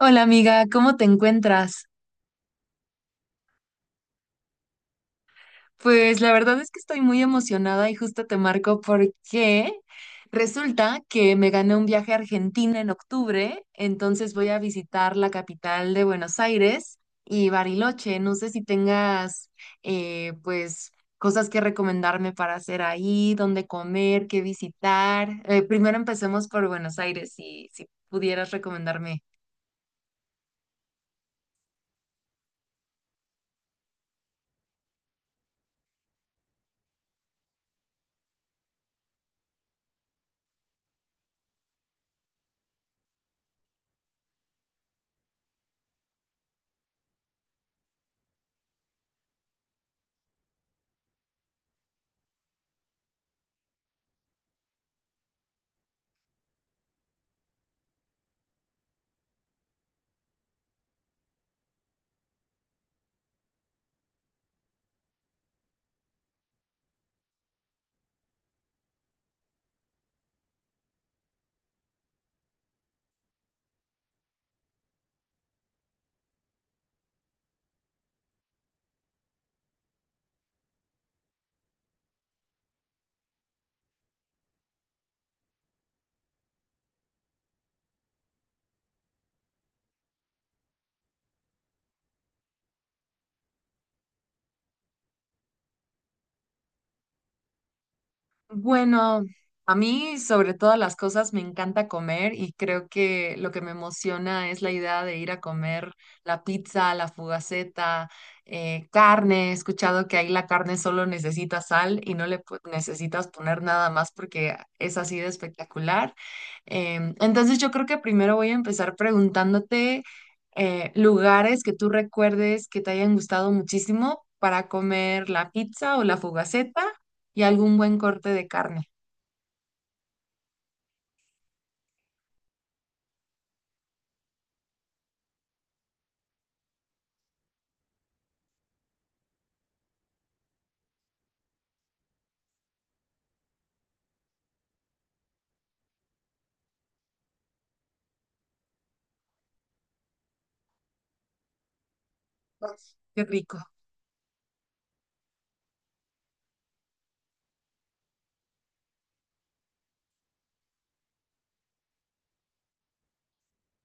Hola amiga, ¿cómo te encuentras? Pues la verdad es que estoy muy emocionada y justo te marco porque resulta que me gané un viaje a Argentina en octubre, entonces voy a visitar la capital de Buenos Aires y Bariloche. No sé si tengas pues cosas que recomendarme para hacer ahí, dónde comer, qué visitar. Primero empecemos por Buenos Aires, si pudieras recomendarme. Bueno, a mí sobre todas las cosas me encanta comer y creo que lo que me emociona es la idea de ir a comer la pizza, la fugaceta, carne. He escuchado que ahí la carne solo necesita sal y no necesitas poner nada más porque es así de espectacular. Entonces yo creo que primero voy a empezar preguntándote lugares que tú recuerdes que te hayan gustado muchísimo para comer la pizza o la fugaceta y algún buen corte de carne. Uf, qué rico.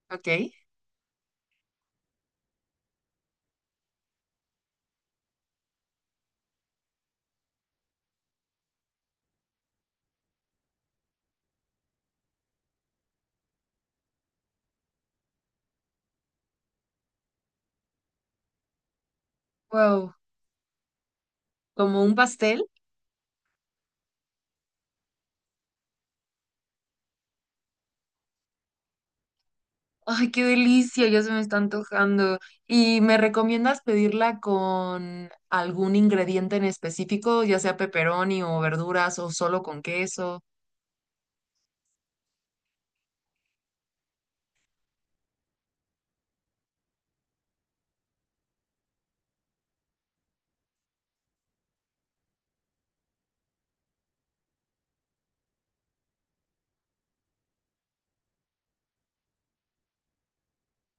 Ok. Wow. Como un pastel. Ay, qué delicia, ya se me está antojando. ¿Y me recomiendas pedirla con algún ingrediente en específico, ya sea pepperoni o verduras o solo con queso?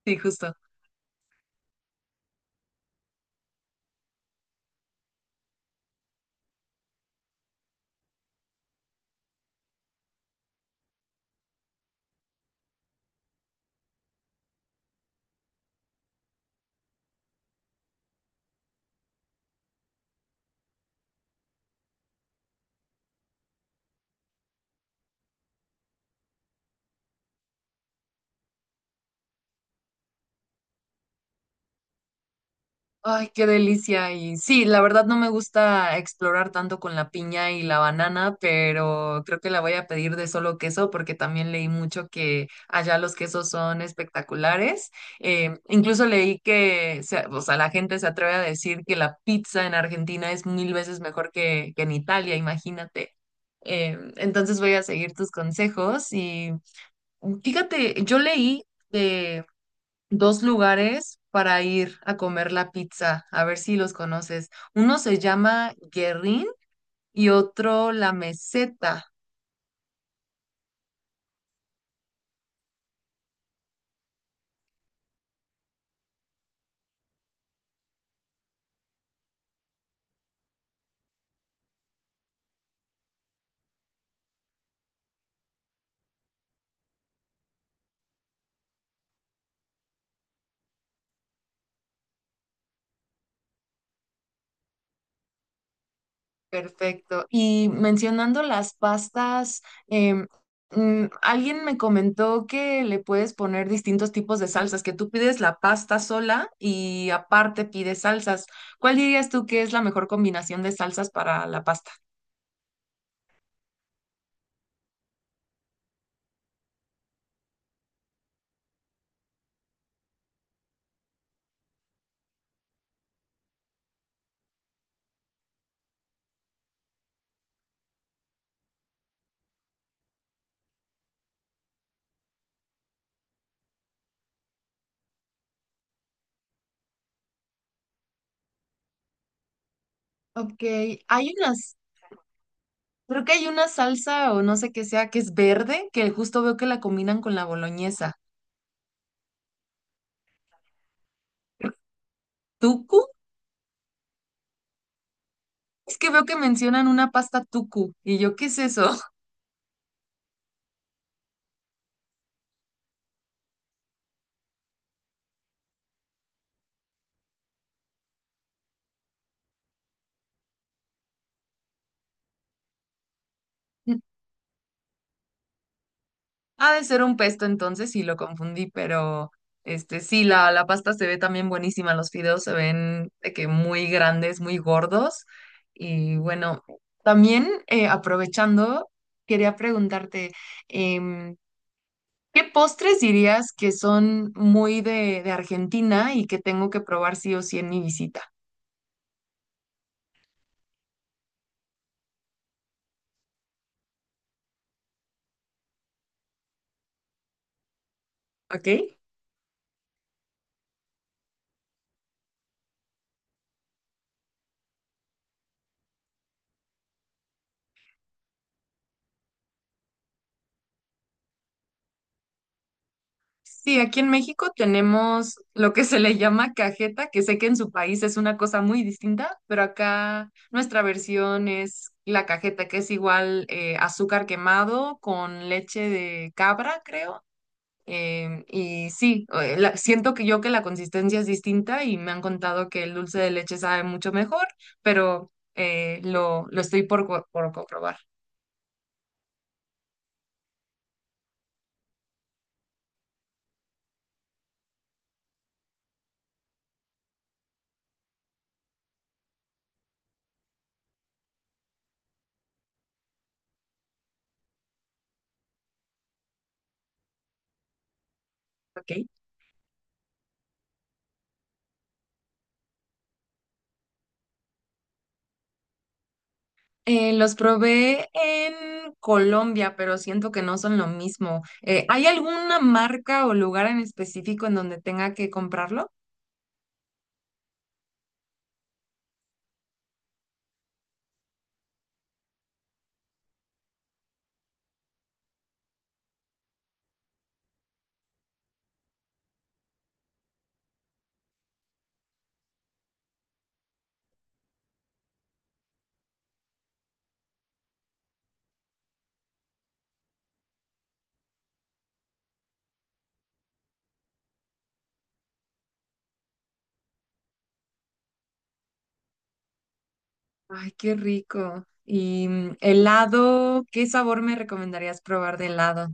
Sí, justo. Ay, qué delicia. Y sí, la verdad no me gusta explorar tanto con la piña y la banana, pero creo que la voy a pedir de solo queso porque también leí mucho que allá los quesos son espectaculares. Incluso leí o sea, la gente se atreve a decir que la pizza en Argentina es mil veces mejor que en Italia, imagínate. Entonces voy a seguir tus consejos y fíjate, yo leí dos lugares para ir a comer la pizza, a ver si los conoces. Uno se llama Guerrín y otro La Meseta. Perfecto. Y mencionando las pastas, alguien me comentó que le puedes poner distintos tipos de salsas, que tú pides la pasta sola y aparte pides salsas. ¿Cuál dirías tú que es la mejor combinación de salsas para la pasta? Ok, hay unas. Creo que hay una salsa o no sé qué sea que es verde, que justo veo que la combinan con la boloñesa. ¿Tucu? Es que veo que mencionan una pasta tucu. Y yo, ¿qué es eso? Ha de ser un pesto entonces y lo confundí, pero este sí, la pasta se ve también buenísima. Los fideos se ven de que muy grandes, muy gordos. Y bueno, también aprovechando, quería preguntarte, em, ¿qué postres dirías que son muy de Argentina y que tengo que probar sí o sí en mi visita? ¿Ok? Sí, aquí en México tenemos lo que se le llama cajeta, que sé que en su país es una cosa muy distinta, pero acá nuestra versión es la cajeta, que es igual azúcar quemado con leche de cabra, creo. Y sí, siento que yo que la consistencia es distinta y me han contado que el dulce de leche sabe mucho mejor, pero lo estoy por comprobar. Ok. Los probé en Colombia, pero siento que no son lo mismo. ¿Hay alguna marca o lugar en específico en donde tenga que comprarlo? Ay, qué rico. Y mm, helado, ¿qué sabor me recomendarías probar de helado?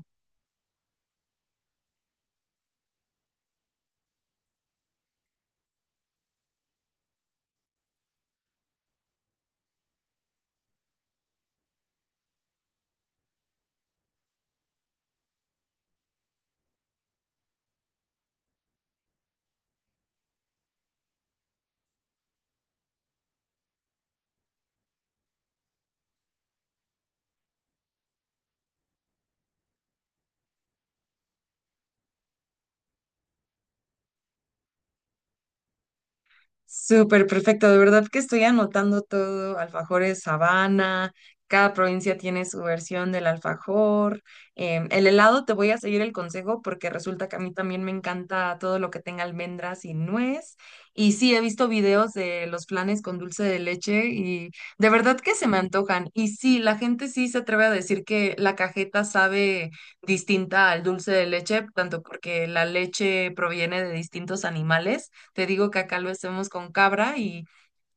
Súper perfecto, de verdad que estoy anotando todo, alfajores Habana, cada provincia tiene su versión del alfajor. Em, el helado te voy a seguir el consejo porque resulta que a mí también me encanta todo lo que tenga almendras y nuez. Y sí, he visto videos de los flanes con dulce de leche y de verdad que se me antojan. Y sí, la gente sí se atreve a decir que la cajeta sabe distinta al dulce de leche, tanto porque la leche proviene de distintos animales, te digo que acá lo hacemos con cabra y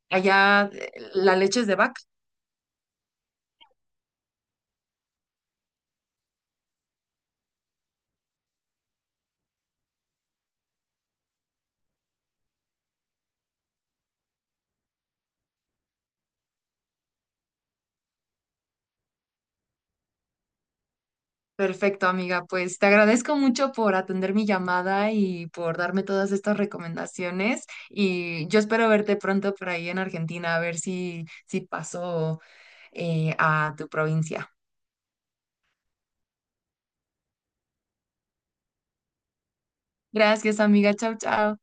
allá la leche es de vaca. Perfecto, amiga. Pues te agradezco mucho por atender mi llamada y por darme todas estas recomendaciones. Y yo espero verte pronto por ahí en Argentina, a ver si paso a tu provincia. Gracias, amiga. Chao, chao.